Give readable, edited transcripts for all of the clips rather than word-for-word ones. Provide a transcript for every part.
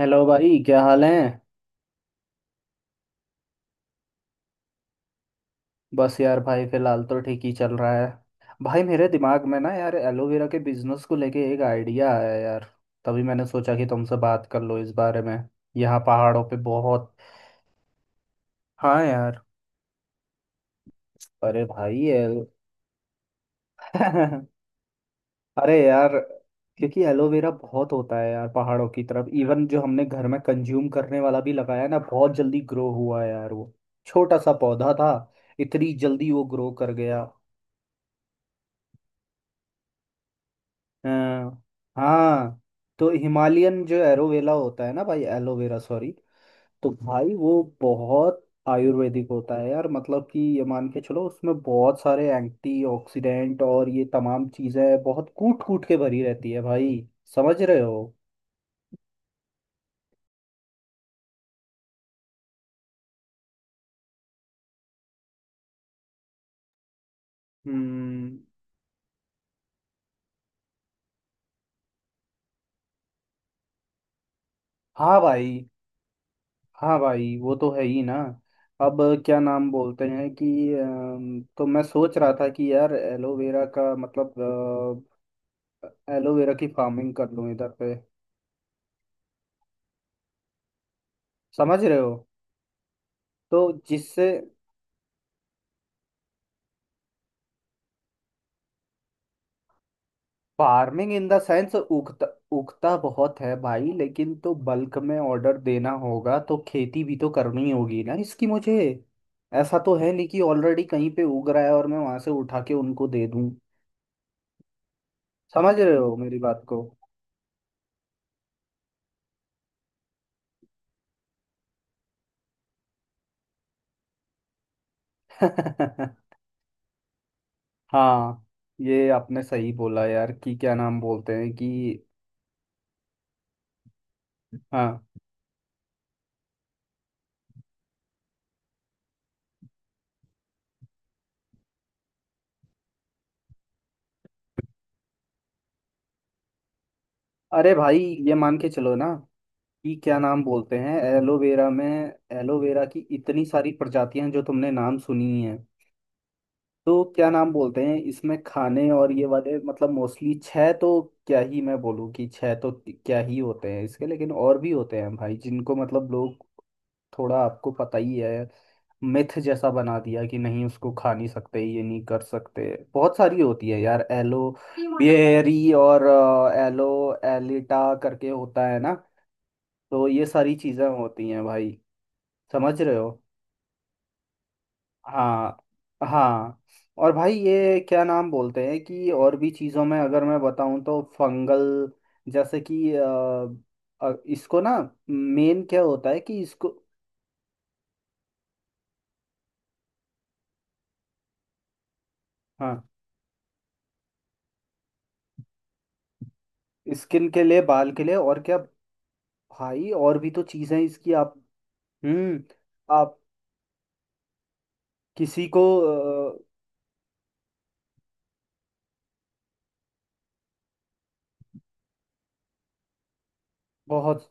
Hello भाई, क्या हाल है। बस यार भाई, फिलहाल तो ठीक ही चल रहा है। भाई मेरे दिमाग में ना यार एलोवेरा के बिजनेस को लेके एक आइडिया आया यार। तभी मैंने सोचा कि तुमसे बात कर लो इस बारे में। यहाँ पहाड़ों पे बहुत हाँ यार। अरे भाई एल अरे यार, क्योंकि एलोवेरा बहुत होता है यार पहाड़ों की तरफ। इवन जो हमने घर में कंज्यूम करने वाला भी लगाया ना, बहुत जल्दी ग्रो हुआ है यार वो। छोटा सा पौधा था, इतनी जल्दी वो ग्रो कर गया। हाँ। हाँ, तो हिमालयन जो एरोवेला होता है ना भाई, एलोवेरा सॉरी। तो भाई वो बहुत आयुर्वेदिक होता है यार। मतलब कि ये मान के चलो, उसमें बहुत सारे एंटीऑक्सीडेंट और ये तमाम चीज़ें बहुत कूट कूट के भरी रहती है भाई। समझ रहे हो। हम्म। हाँ भाई। हाँ भाई, वो तो है ही ना। अब क्या नाम बोलते हैं कि तो मैं सोच रहा था कि यार एलोवेरा का मतलब एलोवेरा की फार्मिंग कर लूँ इधर पे। समझ रहे हो। तो जिससे फार्मिंग इन द सेंस उगता, उगता बहुत है भाई, लेकिन तो बल्क में ऑर्डर देना होगा तो खेती भी तो करनी होगी ना इसकी मुझे। ऐसा तो है नहीं कि ऑलरेडी कहीं पे उग रहा है और मैं वहां से उठा के उनको दे दूं। समझ रहे हो मेरी बात को। हाँ ये आपने सही बोला यार कि क्या नाम बोलते हैं कि। हाँ। अरे भाई, ये मान के चलो ना कि क्या नाम बोलते हैं एलोवेरा में। एलोवेरा की इतनी सारी प्रजातियां हैं जो तुमने नाम सुनी है। तो क्या नाम बोलते हैं इसमें खाने और ये वाले, मतलब मोस्टली छह तो। क्या ही मैं बोलूँ कि छह तो क्या ही होते हैं इसके, लेकिन और भी होते हैं भाई जिनको मतलब लोग। थोड़ा आपको पता ही है। मिथ जैसा बना दिया कि नहीं उसको खा नहीं सकते, ये नहीं कर सकते। बहुत सारी होती है यार एलो बेरी और एलो एलिटा करके होता है ना। तो ये सारी चीजें होती हैं भाई। समझ रहे हो। हाँ हाँ। और भाई ये क्या नाम बोलते हैं कि, और भी चीज़ों में अगर मैं बताऊँ तो फंगल जैसे कि इसको ना मेन क्या होता है कि इसको। हाँ। स्किन के लिए, बाल के लिए, और क्या। भाई और भी तो चीज़ें हैं इसकी, आप। हम्म। आप किसी को अ, बहुत।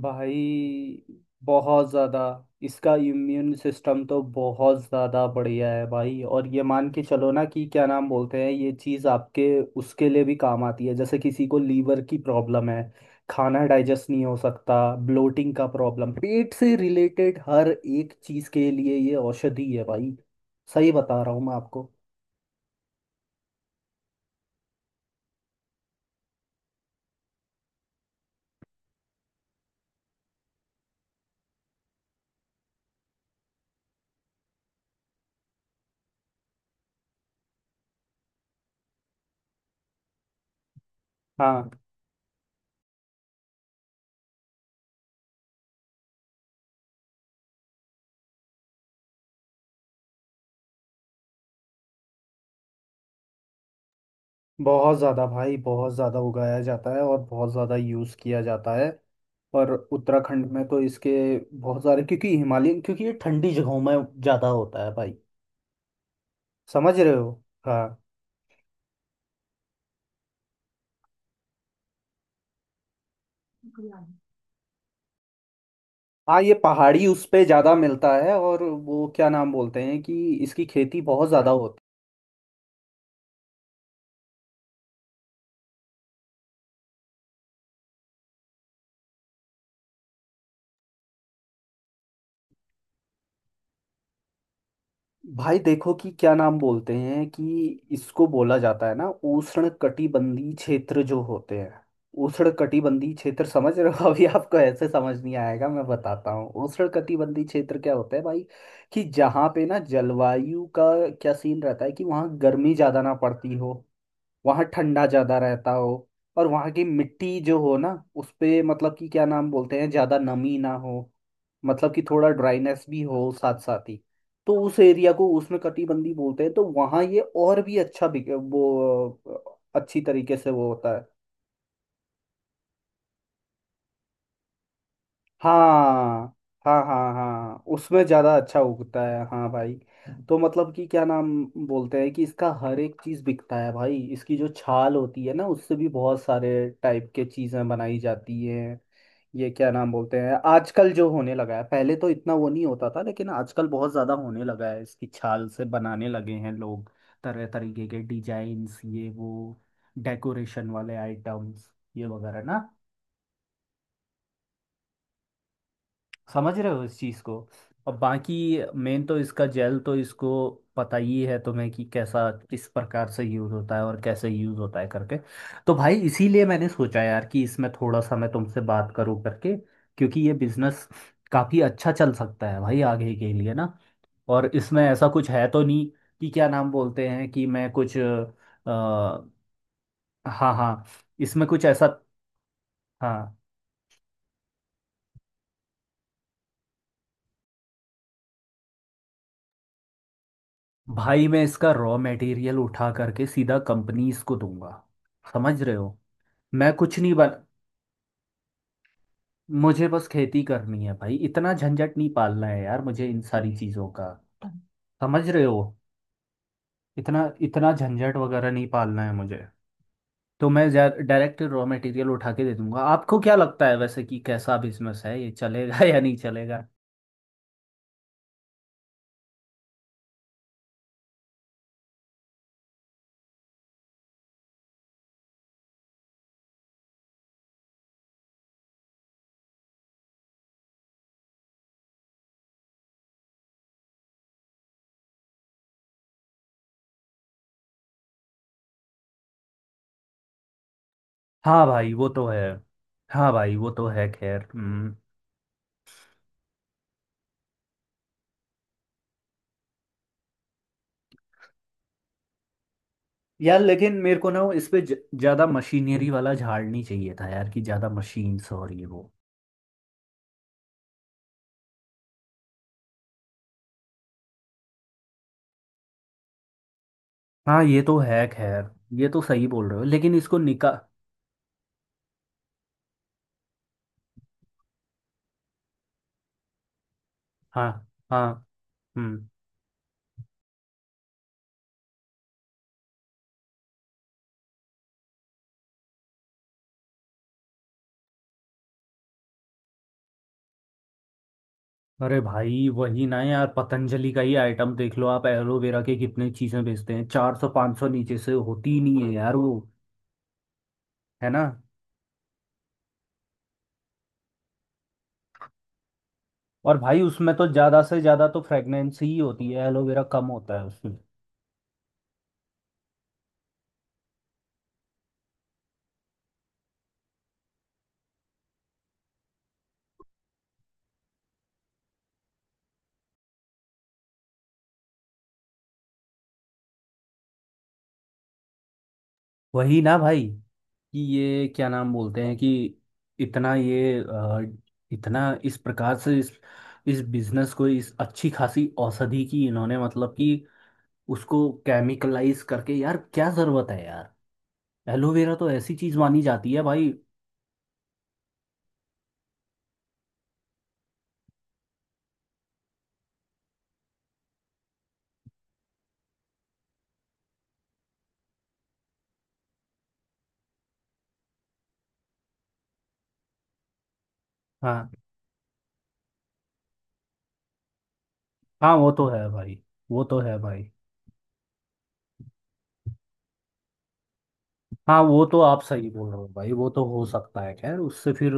भाई बहुत ज़्यादा। इसका इम्यून सिस्टम तो बहुत ज़्यादा बढ़िया है भाई। और ये मान के चलो ना कि क्या नाम बोलते हैं, ये चीज़ आपके उसके लिए भी काम आती है। जैसे किसी को लीवर की प्रॉब्लम है, खाना डाइजेस्ट नहीं हो सकता, ब्लोटिंग का प्रॉब्लम, पेट से रिलेटेड हर एक चीज़ के लिए ये औषधि है भाई। सही बता रहा हूँ मैं आपको। हाँ, बहुत ज़्यादा भाई, बहुत ज़्यादा उगाया जाता है और बहुत ज़्यादा यूज़ किया जाता है। पर उत्तराखंड में तो इसके बहुत सारे, क्योंकि हिमालयन, क्योंकि ये ठंडी जगहों में ज़्यादा होता है भाई। समझ रहे हो। हाँ। हाँ, ये पहाड़ी उस पे ज़्यादा मिलता है। और वो क्या नाम बोलते हैं कि इसकी खेती बहुत ज़्यादा होती है। भाई देखो कि क्या नाम बोलते हैं कि, इसको बोला जाता है ना उष्ण कटिबंधीय क्षेत्र जो होते हैं। उष्ण कटिबंधीय क्षेत्र, समझ रहे हो। अभी आपको ऐसे समझ नहीं आएगा, मैं बताता हूँ उष्ण कटिबंधीय क्षेत्र क्या होता है भाई। कि जहाँ पे ना जलवायु का क्या सीन रहता है कि वहाँ गर्मी ज्यादा ना पड़ती हो, वहाँ ठंडा ज़्यादा रहता हो। और वहाँ की मिट्टी जो हो ना, उस पे मतलब कि क्या नाम बोलते हैं, ज़्यादा नमी ना हो। मतलब कि थोड़ा ड्राइनेस भी हो साथ साथ ही। तो उस एरिया को उसमें कटिबंधी बोलते हैं। तो वहाँ ये और भी अच्छा वो अच्छी तरीके से वो होता है। हाँ। हाँ हाँ हाँ, उसमें ज़्यादा अच्छा उगता है हाँ भाई। तो मतलब कि क्या नाम बोलते हैं कि इसका हर एक चीज़ बिकता है भाई। इसकी जो छाल होती है ना, उससे भी बहुत सारे टाइप के चीज़ें बनाई जाती हैं। ये क्या नाम बोलते हैं आजकल जो होने लगा है, पहले तो इतना वो नहीं होता था, लेकिन आजकल बहुत ज़्यादा होने लगा है। इसकी छाल से बनाने लगे हैं लोग तरह तरीके के डिजाइन्स, ये वो, डेकोरेशन वाले आइटम्स, ये वगैरह ना। समझ रहे हो इस चीज़ को। और बाकी मेन तो इसका जेल तो, इसको पता ही है तुम्हें कि कैसा किस प्रकार से यूज़ होता है और कैसे यूज़ होता है करके। तो भाई इसीलिए मैंने सोचा यार कि इसमें थोड़ा सा मैं तुमसे बात करूं करके। क्योंकि ये बिजनेस काफ़ी अच्छा चल सकता है भाई आगे के लिए ना। और इसमें ऐसा कुछ है तो नहीं कि क्या नाम बोलते हैं कि मैं कुछ हाँ हाँ, इसमें कुछ ऐसा। हाँ भाई, मैं इसका रॉ मटेरियल उठा करके सीधा कंपनीज को दूंगा। समझ रहे हो। मैं कुछ नहीं बन। मुझे बस खेती करनी है भाई, इतना झंझट नहीं पालना है यार मुझे इन सारी चीज़ों का। समझ रहे हो। इतना इतना झंझट वगैरह नहीं पालना है मुझे। तो मैं डायरेक्ट रॉ मटेरियल उठा के दे दूंगा। आपको क्या लगता है वैसे कि कैसा बिजनेस है, ये चलेगा या नहीं चलेगा। हाँ भाई वो तो है। हाँ भाई वो तो है खैर। यार लेकिन मेरे को ना वो इस पे ज्यादा मशीनरी वाला झाड़ नहीं चाहिए था यार कि ज्यादा मशीन्स और ये वो। हाँ ये तो है खैर। ये तो सही बोल रहे हो, लेकिन इसको निका। हाँ हाँ। हम्म। अरे भाई वही ना यार, पतंजलि का ही आइटम देख लो आप, एलोवेरा के कितने चीजें बेचते हैं, 400 500 नीचे से होती ही नहीं है यार वो। है ना। और भाई उसमें तो ज्यादा से ज्यादा तो फ्रेगनेंस ही होती है, एलोवेरा कम होता है उसमें। वही ना भाई कि ये क्या नाम बोलते हैं कि, इतना ये इतना इस प्रकार से इस बिजनेस को, इस अच्छी खासी औषधि की इन्होंने मतलब कि उसको केमिकलाइज करके यार, क्या जरूरत है यार। एलोवेरा तो ऐसी चीज मानी जाती है भाई। हाँ। हाँ वो तो है भाई, वो तो है भाई। हाँ वो तो आप सही बोल रहे हो भाई, वो तो हो सकता है खैर उससे फिर।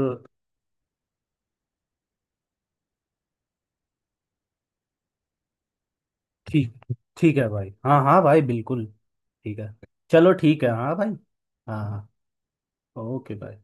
ठीक, ठीक है भाई। हाँ हाँ भाई बिल्कुल ठीक है। चलो ठीक है हाँ भाई। हाँ हाँ। ओके भाई।